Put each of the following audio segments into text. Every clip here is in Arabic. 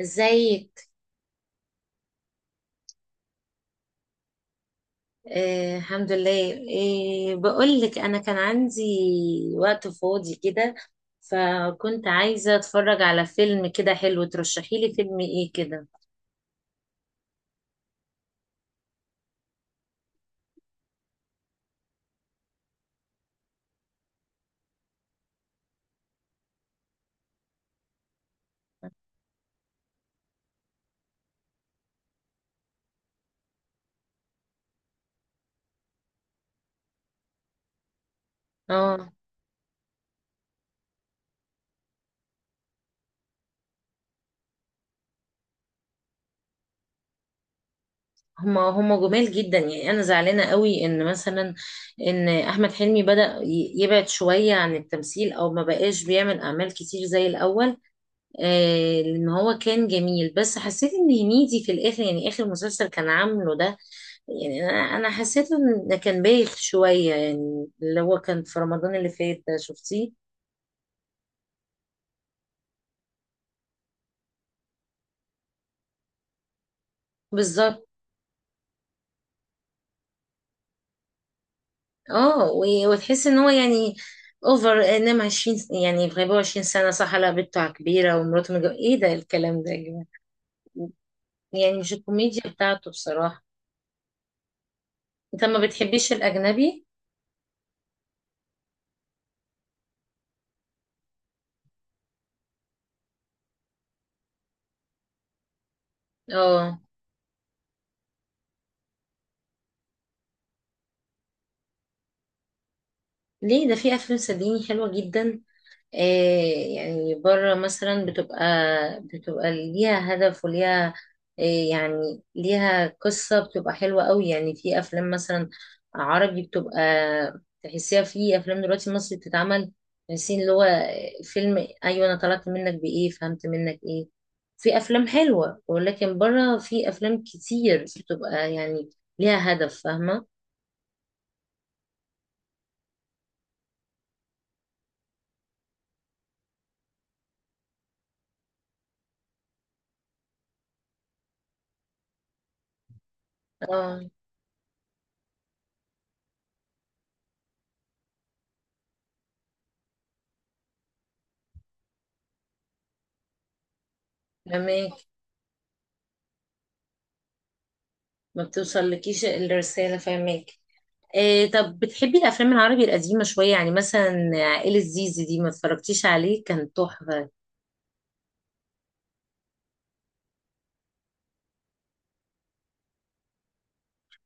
ازيك؟ آه، الحمد لله. إيه، بقول لك انا كان عندي وقت فاضي كده، فكنت عايزة اتفرج على فيلم كده حلو، ترشحي لي فيلم ايه كده؟ اه. هما جمال جدا، يعني انا زعلانة قوي ان مثلا ان احمد حلمي بدأ يبعد شوية عن التمثيل او ما بقاش بيعمل اعمال كتير زي الاول. لان هو كان جميل، بس حسيت ان هنيدي في الاخر، يعني اخر مسلسل كان عامله ده، يعني انا حسيت ان ده كان بايخ شويه، يعني اللي هو كان في رمضان اللي فات ده، شفتيه؟ بالظبط. اه، وتحس ان هو يعني اوفر، انما 20 يعني بيبقوا 20 سنه، صح؟ لا، بنته كبيره ومراته متجوزه، ايه ده الكلام ده يا جماعه؟ يعني مش الكوميديا بتاعته بصراحه. انت ما بتحبيش الاجنبي؟ اه، ليه؟ ده في افلام صدقيني حلوه جدا. إيه، يعني بره مثلا بتبقى، ليها هدف وليها، إيه، يعني ليها قصة، بتبقى حلوة قوي، يعني في أفلام مثلا عربي بتبقى، تحسيها في أفلام دلوقتي مصري بتتعمل، تحسين اللي هو فيلم، أيوة أنا طلعت منك بإيه، فهمت منك إيه؟ في أفلام حلوة، ولكن بره في أفلام كتير بتبقى يعني ليها هدف، فاهمة؟ اه، فاهماك. ما بتوصلكيش الرسالة، فاهماك. إيه، طب بتحبي الافلام العربي القديمه شويه؟ يعني مثلا عائله زيزي دي ما اتفرجتيش عليه؟ كان تحفه،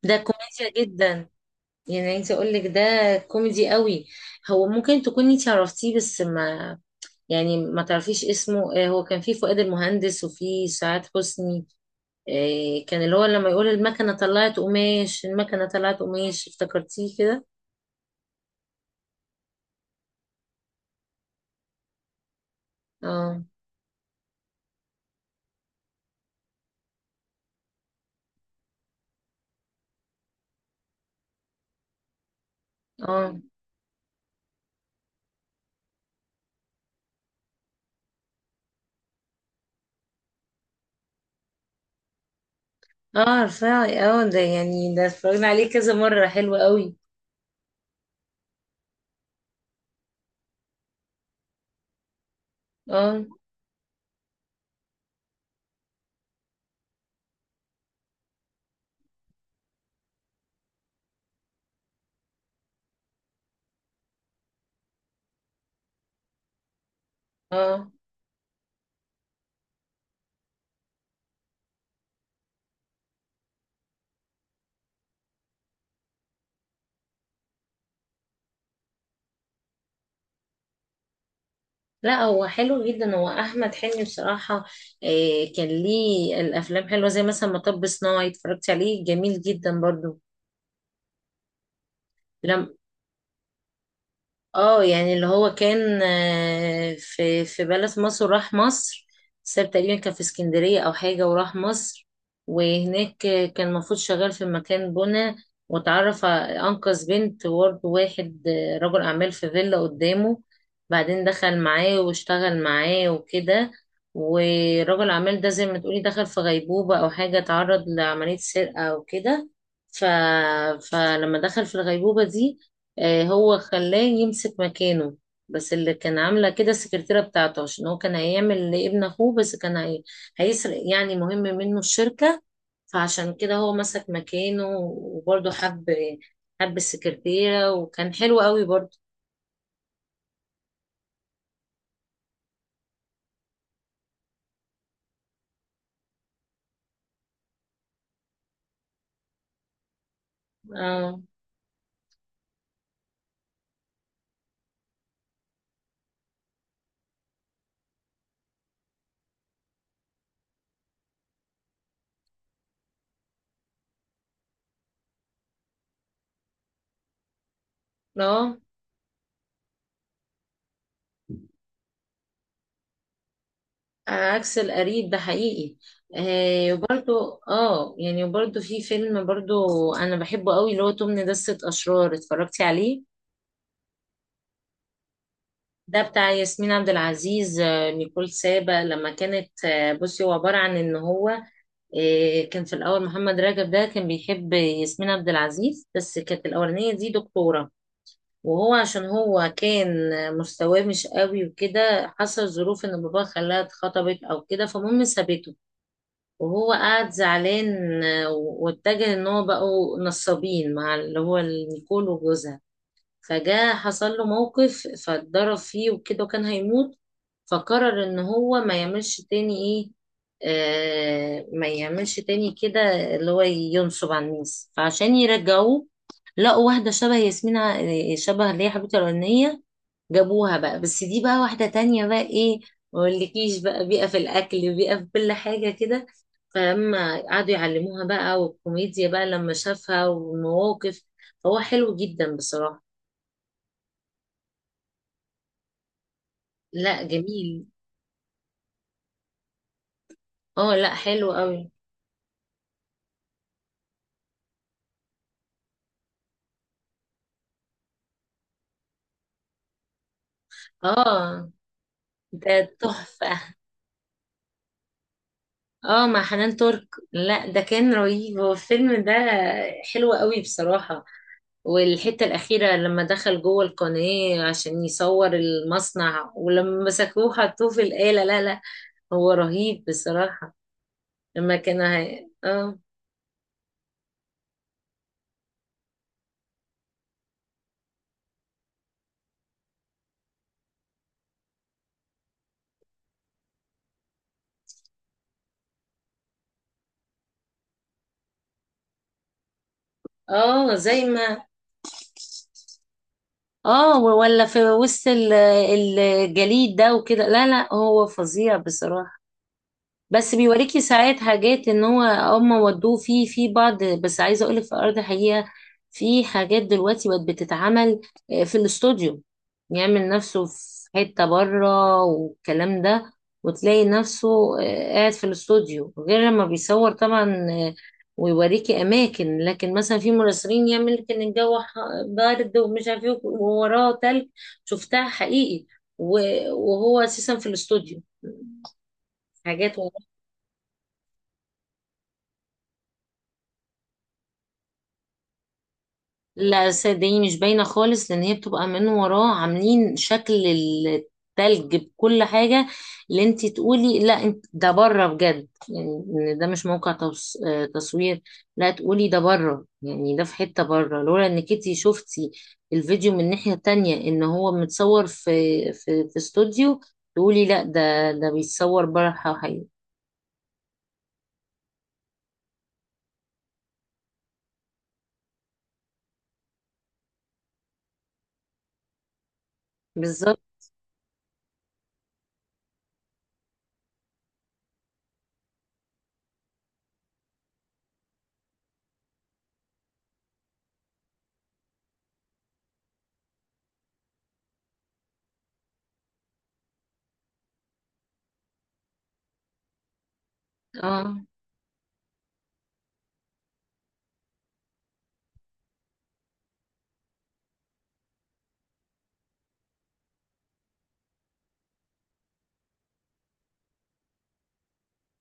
ده كوميديا جدا، يعني عايزه اقول لك ده كوميدي قوي. هو ممكن تكوني انت عرفتيه، بس ما، يعني ما تعرفيش اسمه إيه، هو كان فيه فؤاد المهندس وفيه سعاد حسني. إيه، كان اللي هو لما يقول المكنه طلعت قماش المكنه طلعت قماش، افتكرتيه كده؟ اه، اه، اه، عارفاه. اه، ده يعني ده اتفرجنا عليه كذا مره، حلو قوي. اه، اه، لا هو حلو جدا، هو احمد حلمي بصراحه. إيه، كان ليه الافلام حلوه، زي مثلا مطب صناعي، اتفرجت عليه؟ جميل جدا برضو. اه، يعني اللي هو كان في بلد مصر، وراح مصر، ساب تقريبا، كان في اسكندرية او حاجة، وراح مصر. وهناك كان المفروض شغال في مكان بنا، واتعرف انقذ بنت. وبرضه واحد رجل اعمال في فيلا قدامه، بعدين دخل معاه واشتغل معاه وكده. ورجل الاعمال ده، زي ما تقولي، دخل في غيبوبة او حاجة، اتعرض لعملية سرقة او كده. ف... فلما دخل في الغيبوبة دي، هو خلاه يمسك مكانه. بس اللي كان عاملة كده السكرتيرة بتاعته، عشان هو كان هيعمل لابن أخوه، بس كان هيسرق يعني، مهم، منه الشركة. فعشان كده هو مسك مكانه، وبرضه حب السكرتيرة، وكان حلو قوي برضه. اه، اه، عكس القريب ده حقيقي. آه وبرضه اه يعني وبرضه في فيلم برضه أنا بحبه قوي، اللي هو توم ندسة أشرار، اتفرجتي عليه؟ ده بتاع ياسمين عبد العزيز، نيكول سابا لما كانت، بصي، هو عبارة عن ان هو كان في الاول محمد رجب ده كان بيحب ياسمين عبد العزيز، بس كانت الاولانية دي دكتورة، وهو عشان هو كان مستواه مش قوي وكده، حصل ظروف ان باباه خلاها اتخطبت او كده، فالمهم سابته. وهو قعد زعلان، واتجه ان هو بقوا نصابين مع اللي هو نيكول وجوزها. فجاء حصل له موقف، فاتضرب فيه وكده، وكان هيموت. فقرر ان هو ما يعملش تاني ايه، ما يعملش تاني كده اللي هو ينصب على الناس. فعشان يرجعوه، لقوا واحدة شبه ياسمين شبه اللي هي حبيبته الأولانية. جابوها بقى، بس دي بقى واحدة تانية بقى، ايه، ما اقولكيش بقى، بيئة في الأكل، بيئة في كل حاجة كده. فلما قعدوا يعلموها بقى، والكوميديا بقى لما شافها والمواقف، هو حلو جدا بصراحة. لا جميل، اه، لا حلو قوي. اه، ده تحفة. اه، مع حنان ترك. لا، ده كان رهيب هو الفيلم ده، حلو قوي بصراحة. والحتة الأخيرة لما دخل جوه القناة عشان يصور المصنع ولما مسكوه حطوه في الآلة، لا لا، هو رهيب بصراحة. لما كان اه. اه، زي ما، اه، ولا في وسط الجليد ده وكده. لا لا، هو فظيع بصراحة. بس بيوريكي ساعات حاجات، ان هو هما ودوه فيه في بعض، بس عايزه اقولك في ارض حقيقه، في حاجات دلوقتي بقت بتتعمل في الاستوديو. يعمل نفسه في حته بره والكلام ده، وتلاقي نفسه قاعد في الاستوديو، غير لما بيصور طبعا. آه، ويوريكي اماكن، لكن مثلا في مراسلين يعمل لك ان الجو بارد ومش عارف ايه، ووراه تلج، شفتها حقيقي. وهو اساسا في الاستوديو حاجات. لا، صدقيني مش باينة خالص، لأن هي بتبقى من وراه عاملين شكل التلج بكل حاجة. اللي انت تقولي لا انت، ده بره بجد، يعني ان ده مش موقع توص... آه، تصوير. لا، تقولي ده بره، يعني ده في حتة بره، لولا انك انت شفتي الفيديو من ناحية تانية ان هو متصور في استوديو، تقولي لا ده بيتصور بره حقيقي. بالظبط. اه،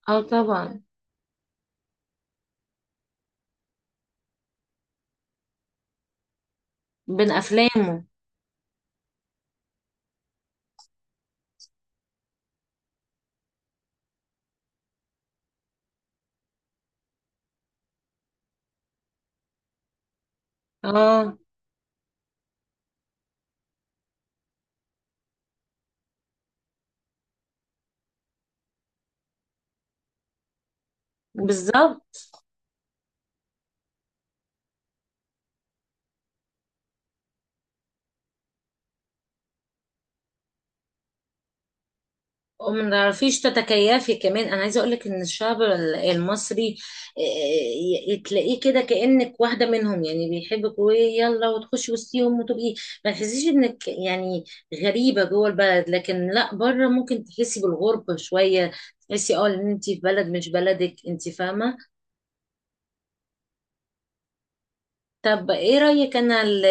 اه، طبعا. بين افلامه. اه، بالظبط. وما تعرفيش تتكيفي كمان. انا عايزه اقول لك ان الشعب المصري، آه، تلاقيه كده كانك واحده منهم، يعني بيحبك ويلا وتخشي وسطيهم وتبقي، ما تحسيش انك، يعني، غريبه جوه البلد. لكن لا، بره ممكن تحسي بالغربه شويه، تحسي ان انت في بلد مش بلدك، انت فاهمه؟ طب ايه رايك، انا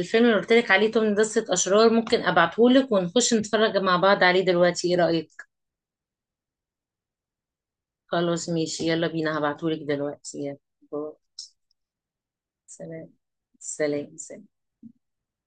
الفيلم اللي قلت لك عليه توم دسة اشرار، ممكن ابعته لك، ونخش نتفرج مع بعض عليه دلوقتي، ايه رايك؟ خلاص ماشي، يلا بينا، هبعتهولك دلوقتي، يلا، باي. سلام، سلام، سلام.